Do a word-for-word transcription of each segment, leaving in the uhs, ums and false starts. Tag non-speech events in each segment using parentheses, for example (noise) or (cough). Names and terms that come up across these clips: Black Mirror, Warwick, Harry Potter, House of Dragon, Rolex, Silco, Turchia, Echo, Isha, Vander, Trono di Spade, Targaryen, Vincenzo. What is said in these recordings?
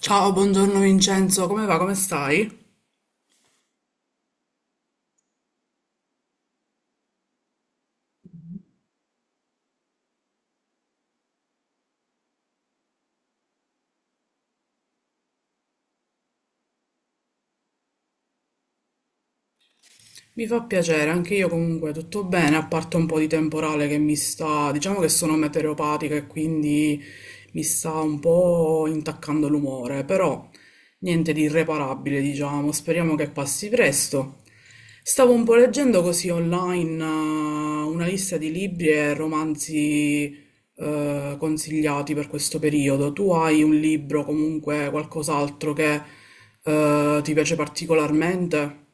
Ciao, buongiorno Vincenzo, come va? Come stai? Mi fa piacere, anche io comunque tutto bene, a parte un po' di temporale che mi sta, diciamo che sono meteoropatica e quindi mi sta un po' intaccando l'umore, però niente di irreparabile, diciamo, speriamo che passi presto. Stavo un po' leggendo così online eh, una lista di libri e romanzi eh, consigliati per questo periodo. Tu hai un libro, comunque qualcos'altro che eh, ti piace particolarmente?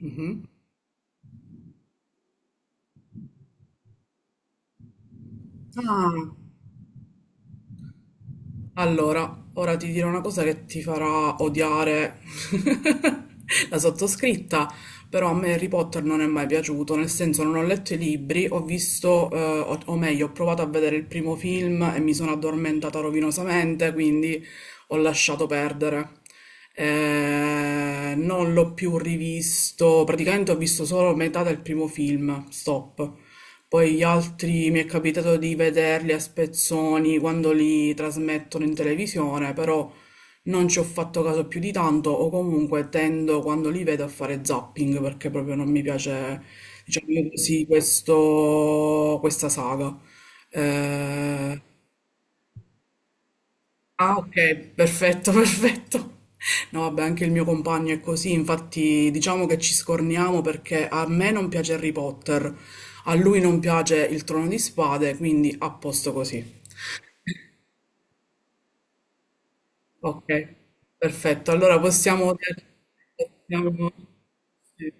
Mhm. Ah, allora, ora ti dirò una cosa che ti farà odiare (laughs) la sottoscritta, però a me Harry Potter non è mai piaciuto, nel senso non ho letto i libri, ho visto, eh, o, o meglio, ho provato a vedere il primo film e mi sono addormentata rovinosamente, quindi ho lasciato perdere. Eh, non l'ho più rivisto, praticamente ho visto solo metà del primo film, stop. Poi gli altri mi è capitato di vederli a spezzoni quando li trasmettono in televisione, però non ci ho fatto caso più di tanto o comunque tendo quando li vedo a fare zapping perché proprio non mi piace, diciamo così, questo, questa saga. Eh, Ah okay, perfetto, (laughs) perfetto. No vabbè, anche il mio compagno è così, infatti diciamo che ci scorniamo perché a me non piace Harry Potter, a lui non piace il Trono di Spade, quindi a posto così. Ok, perfetto. Allora possiamo... possiamo... sì.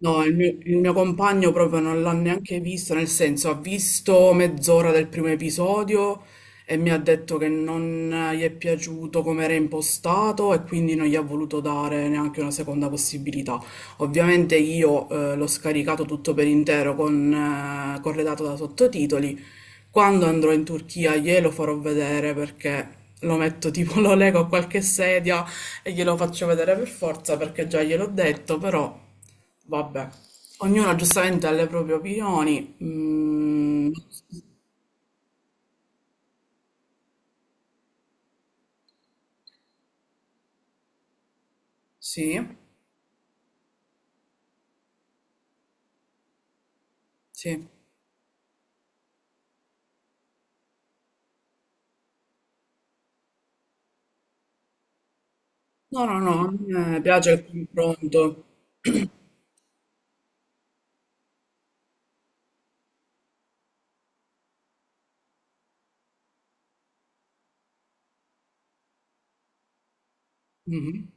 No, il mio, il mio compagno proprio non l'ha neanche visto, nel senso ha visto mezz'ora del primo episodio e mi ha detto che non gli è piaciuto come era impostato e quindi non gli ha voluto dare neanche una seconda possibilità. Ovviamente io eh, l'ho scaricato tutto per intero con, eh, corredato da sottotitoli quando andrò in Turchia glielo farò vedere perché lo metto tipo, (laughs) lo lego a qualche sedia e glielo faccio vedere per forza perché già gliel'ho detto, però vabbè. Ognuno giustamente ha le proprie opinioni. Mm, sì, sì. No, no, no, a me piace il confronto. (clears throat) Mhm.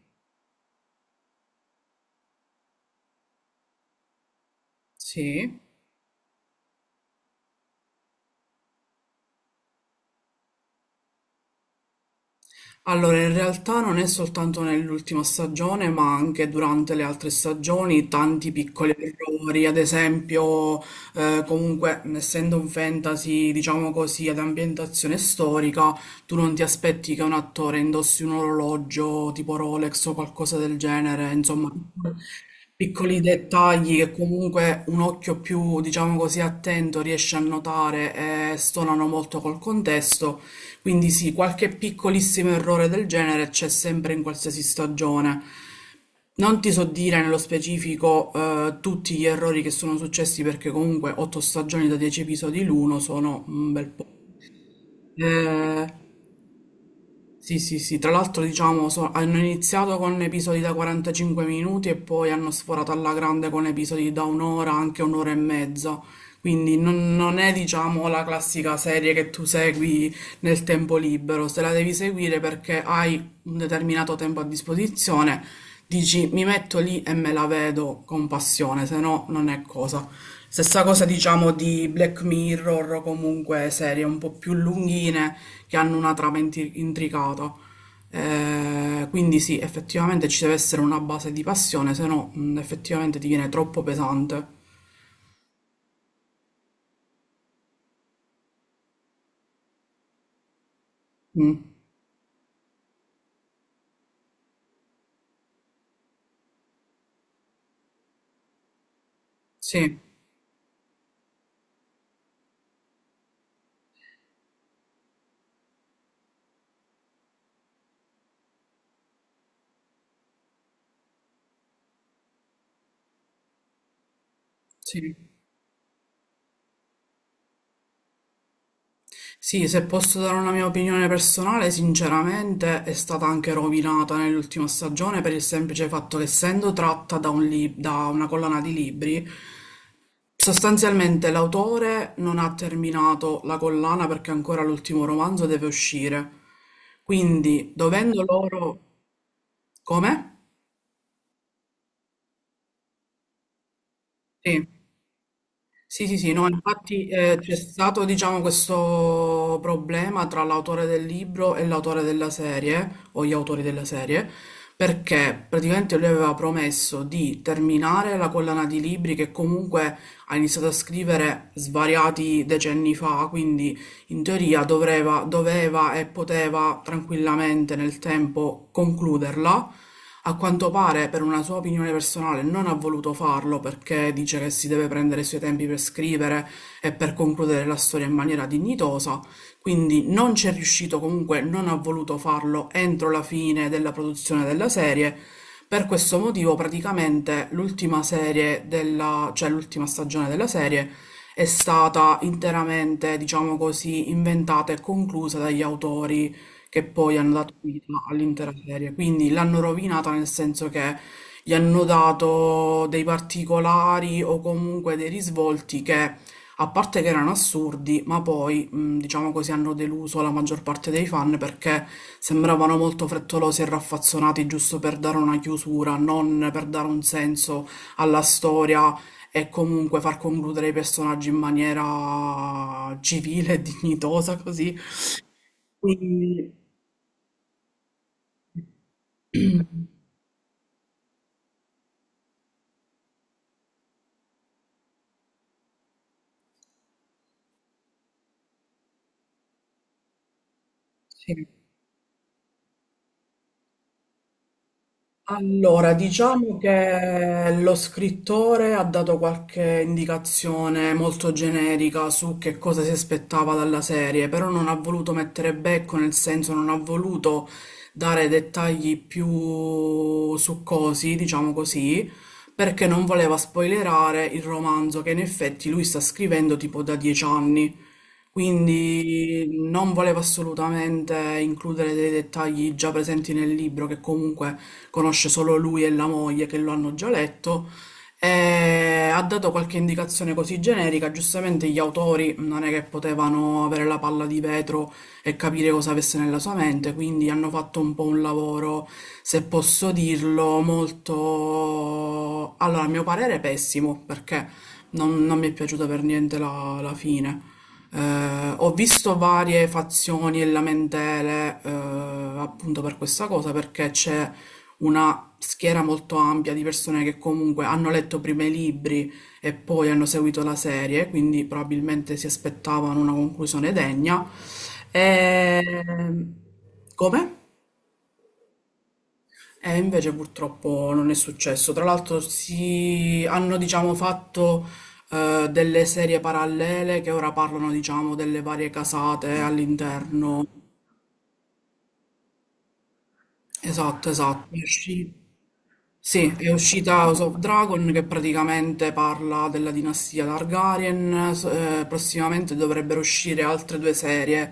Sì. Allora, in realtà non è soltanto nell'ultima stagione, ma anche durante le altre stagioni, tanti piccoli errori, ad esempio, eh, comunque, essendo un fantasy, diciamo così, ad ambientazione storica, tu non ti aspetti che un attore indossi un orologio tipo Rolex o qualcosa del genere, insomma, piccoli dettagli che comunque un occhio più, diciamo così, attento riesce a notare e stonano molto col contesto. Quindi sì, qualche piccolissimo errore del genere c'è sempre in qualsiasi stagione. Non ti so dire nello specifico eh, tutti gli errori che sono successi perché comunque otto stagioni da dieci episodi l'uno sono un bel po'. Eh, sì, sì, sì, tra l'altro diciamo so- hanno iniziato con episodi da quarantacinque minuti e poi hanno sforato alla grande con episodi da un'ora, anche un'ora e mezza, quindi non, non è diciamo la classica serie che tu segui nel tempo libero, se la devi seguire perché hai un determinato tempo a disposizione, dici mi metto lì e me la vedo con passione, se no non è cosa. Stessa cosa diciamo di Black Mirror o comunque serie un po' più lunghine che hanno una trama inti- intricata. Eh, quindi sì, effettivamente ci deve essere una base di passione, se no mh, effettivamente diviene troppo pesante. Mm, sì, sì. Sì, se posso dare una mia opinione personale, sinceramente è stata anche rovinata nell'ultima stagione per il semplice fatto che essendo tratta da, un lib- da una collana di libri, sostanzialmente l'autore non ha terminato la collana perché ancora l'ultimo romanzo deve uscire. Quindi, dovendo loro... Come? Sì. Sì, sì, sì, no, infatti eh, c'è stato, diciamo, questo problema tra l'autore del libro e l'autore della serie, o gli autori della serie, perché praticamente lui aveva promesso di terminare la collana di libri che comunque ha iniziato a scrivere svariati decenni fa, quindi in teoria dovreva, doveva e poteva tranquillamente nel tempo concluderla. A quanto pare, per una sua opinione personale, non ha voluto farlo perché dice che si deve prendere i suoi tempi per scrivere e per concludere la storia in maniera dignitosa, quindi non c'è riuscito, comunque non ha voluto farlo entro la fine della produzione della serie. Per questo motivo, praticamente l'ultima serie della, cioè l'ultima stagione della serie, è stata interamente, diciamo così, inventata e conclusa dagli autori che poi hanno dato vita all'intera serie. Quindi l'hanno rovinata nel senso che gli hanno dato dei particolari o comunque dei risvolti che, a parte che erano assurdi, ma poi, mh, diciamo così, hanno deluso la maggior parte dei fan perché sembravano molto frettolosi e raffazzonati giusto per dare una chiusura, non per dare un senso alla storia e comunque far concludere i personaggi in maniera civile e dignitosa, così. Quindi, sì. Allora, diciamo che lo scrittore ha dato qualche indicazione molto generica su che cosa si aspettava dalla serie, però non ha voluto mettere becco, nel senso non ha voluto dare dettagli più succosi, diciamo così, perché non voleva spoilerare il romanzo che in effetti lui sta scrivendo tipo da dieci anni. Quindi non volevo assolutamente includere dei dettagli già presenti nel libro, che comunque conosce solo lui e la moglie che lo hanno già letto. E ha dato qualche indicazione così generica, giustamente gli autori non è che potevano avere la palla di vetro e capire cosa avesse nella sua mente, quindi hanno fatto un po' un lavoro, se posso dirlo, molto, allora, a mio parere, pessimo, perché non, non mi è piaciuta per niente la la fine. Eh, ho visto varie fazioni e lamentele, eh, appunto per questa cosa, perché c'è una schiera molto ampia di persone che comunque hanno letto prima i libri e poi hanno seguito la serie, quindi probabilmente si aspettavano una conclusione degna. E... Come? E invece purtroppo non è successo. Tra l'altro si hanno, diciamo, fatto eh, delle serie parallele che ora parlano, diciamo, delle varie casate all'interno. Esatto, esatto. È usci- Sì, è uscita House of Dragon che praticamente parla della dinastia Targaryen. S- eh, prossimamente dovrebbero uscire altre due serie,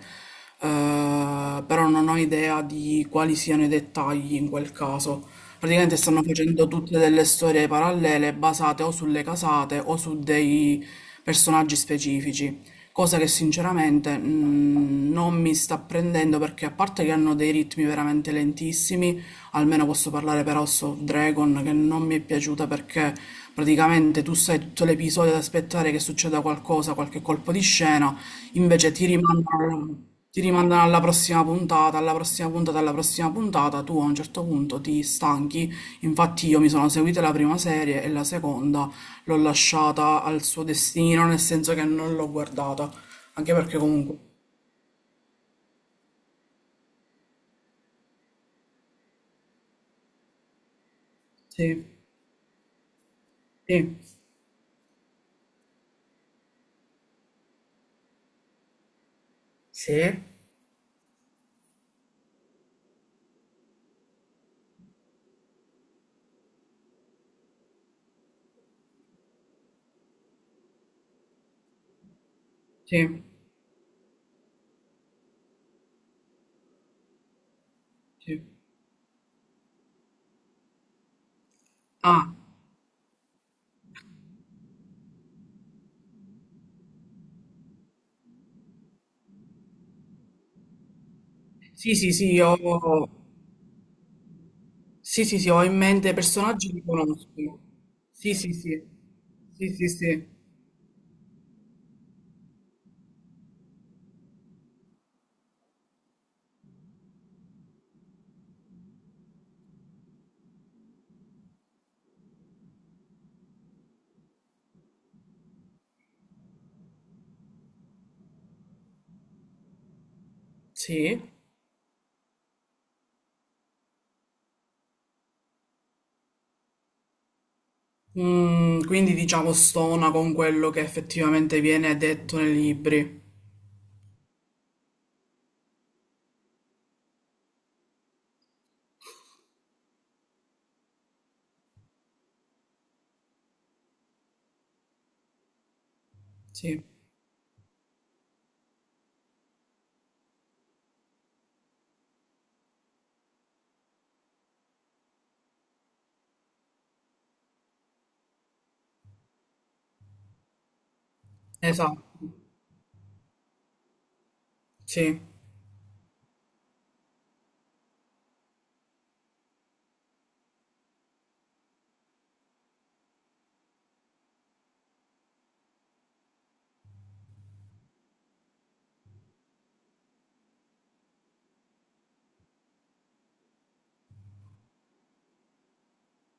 eh, però non ho idea di quali siano i dettagli in quel caso. Praticamente stanno facendo tutte delle storie parallele basate o sulle casate o su dei personaggi specifici, cosa che sinceramente mh, non mi sta prendendo perché, a parte che hanno dei ritmi veramente lentissimi, almeno posso parlare per House of Dragon che non mi è piaciuta perché praticamente tu stai tutto l'episodio ad aspettare che succeda qualcosa, qualche colpo di scena, invece ti rimandano... ti rimandano alla prossima puntata, alla prossima puntata, alla prossima puntata, tu a un certo punto ti stanchi. Infatti io mi sono seguita la prima serie e la seconda l'ho lasciata al suo destino, nel senso che non l'ho guardata, anche perché comunque... Sì, sì, sì? Sì, sì. Ah, sì, sì, sì, ho... Sì, sì, sì, ho in mente personaggi che conosco. Sì, sì, sì. Sì, sì, sì. Sì. Mm, quindi diciamo stona con quello che effettivamente viene detto nei libri. Sì, esatto, sì,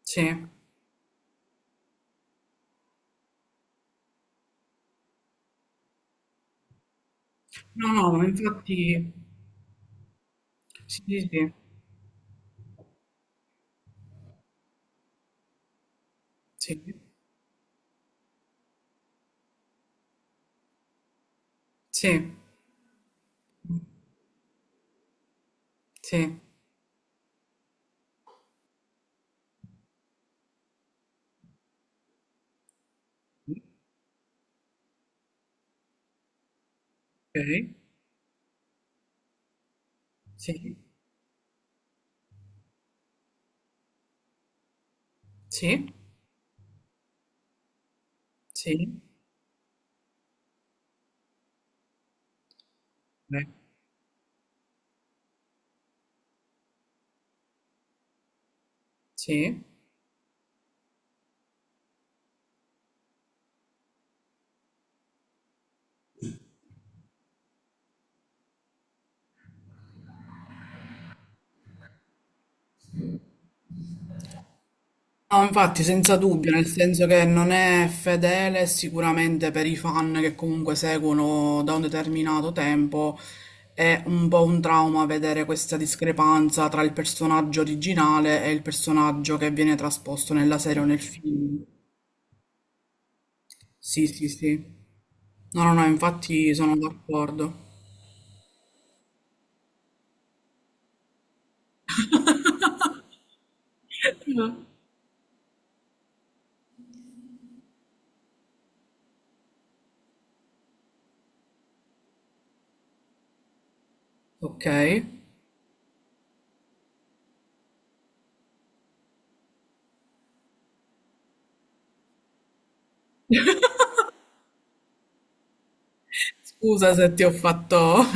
sì. No, no, ma infatti, sì, sì, sì, sì, sì, sì, ok, sì, sì, sì, beh, sì. No, infatti, senza dubbio, nel senso che non è fedele sicuramente per i fan che comunque seguono da un determinato tempo, è un po' un trauma vedere questa discrepanza tra il personaggio originale e il personaggio che viene trasposto nella serie o nel film. Sì, sì, sì. No, no, no, infatti sono d'accordo. Mm. Ok. Scusa se ti ho fatto (laughs)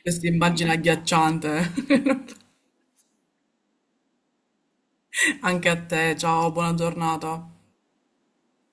questa immagine agghiacciante. (laughs) Anche a te, ciao, buona giornata.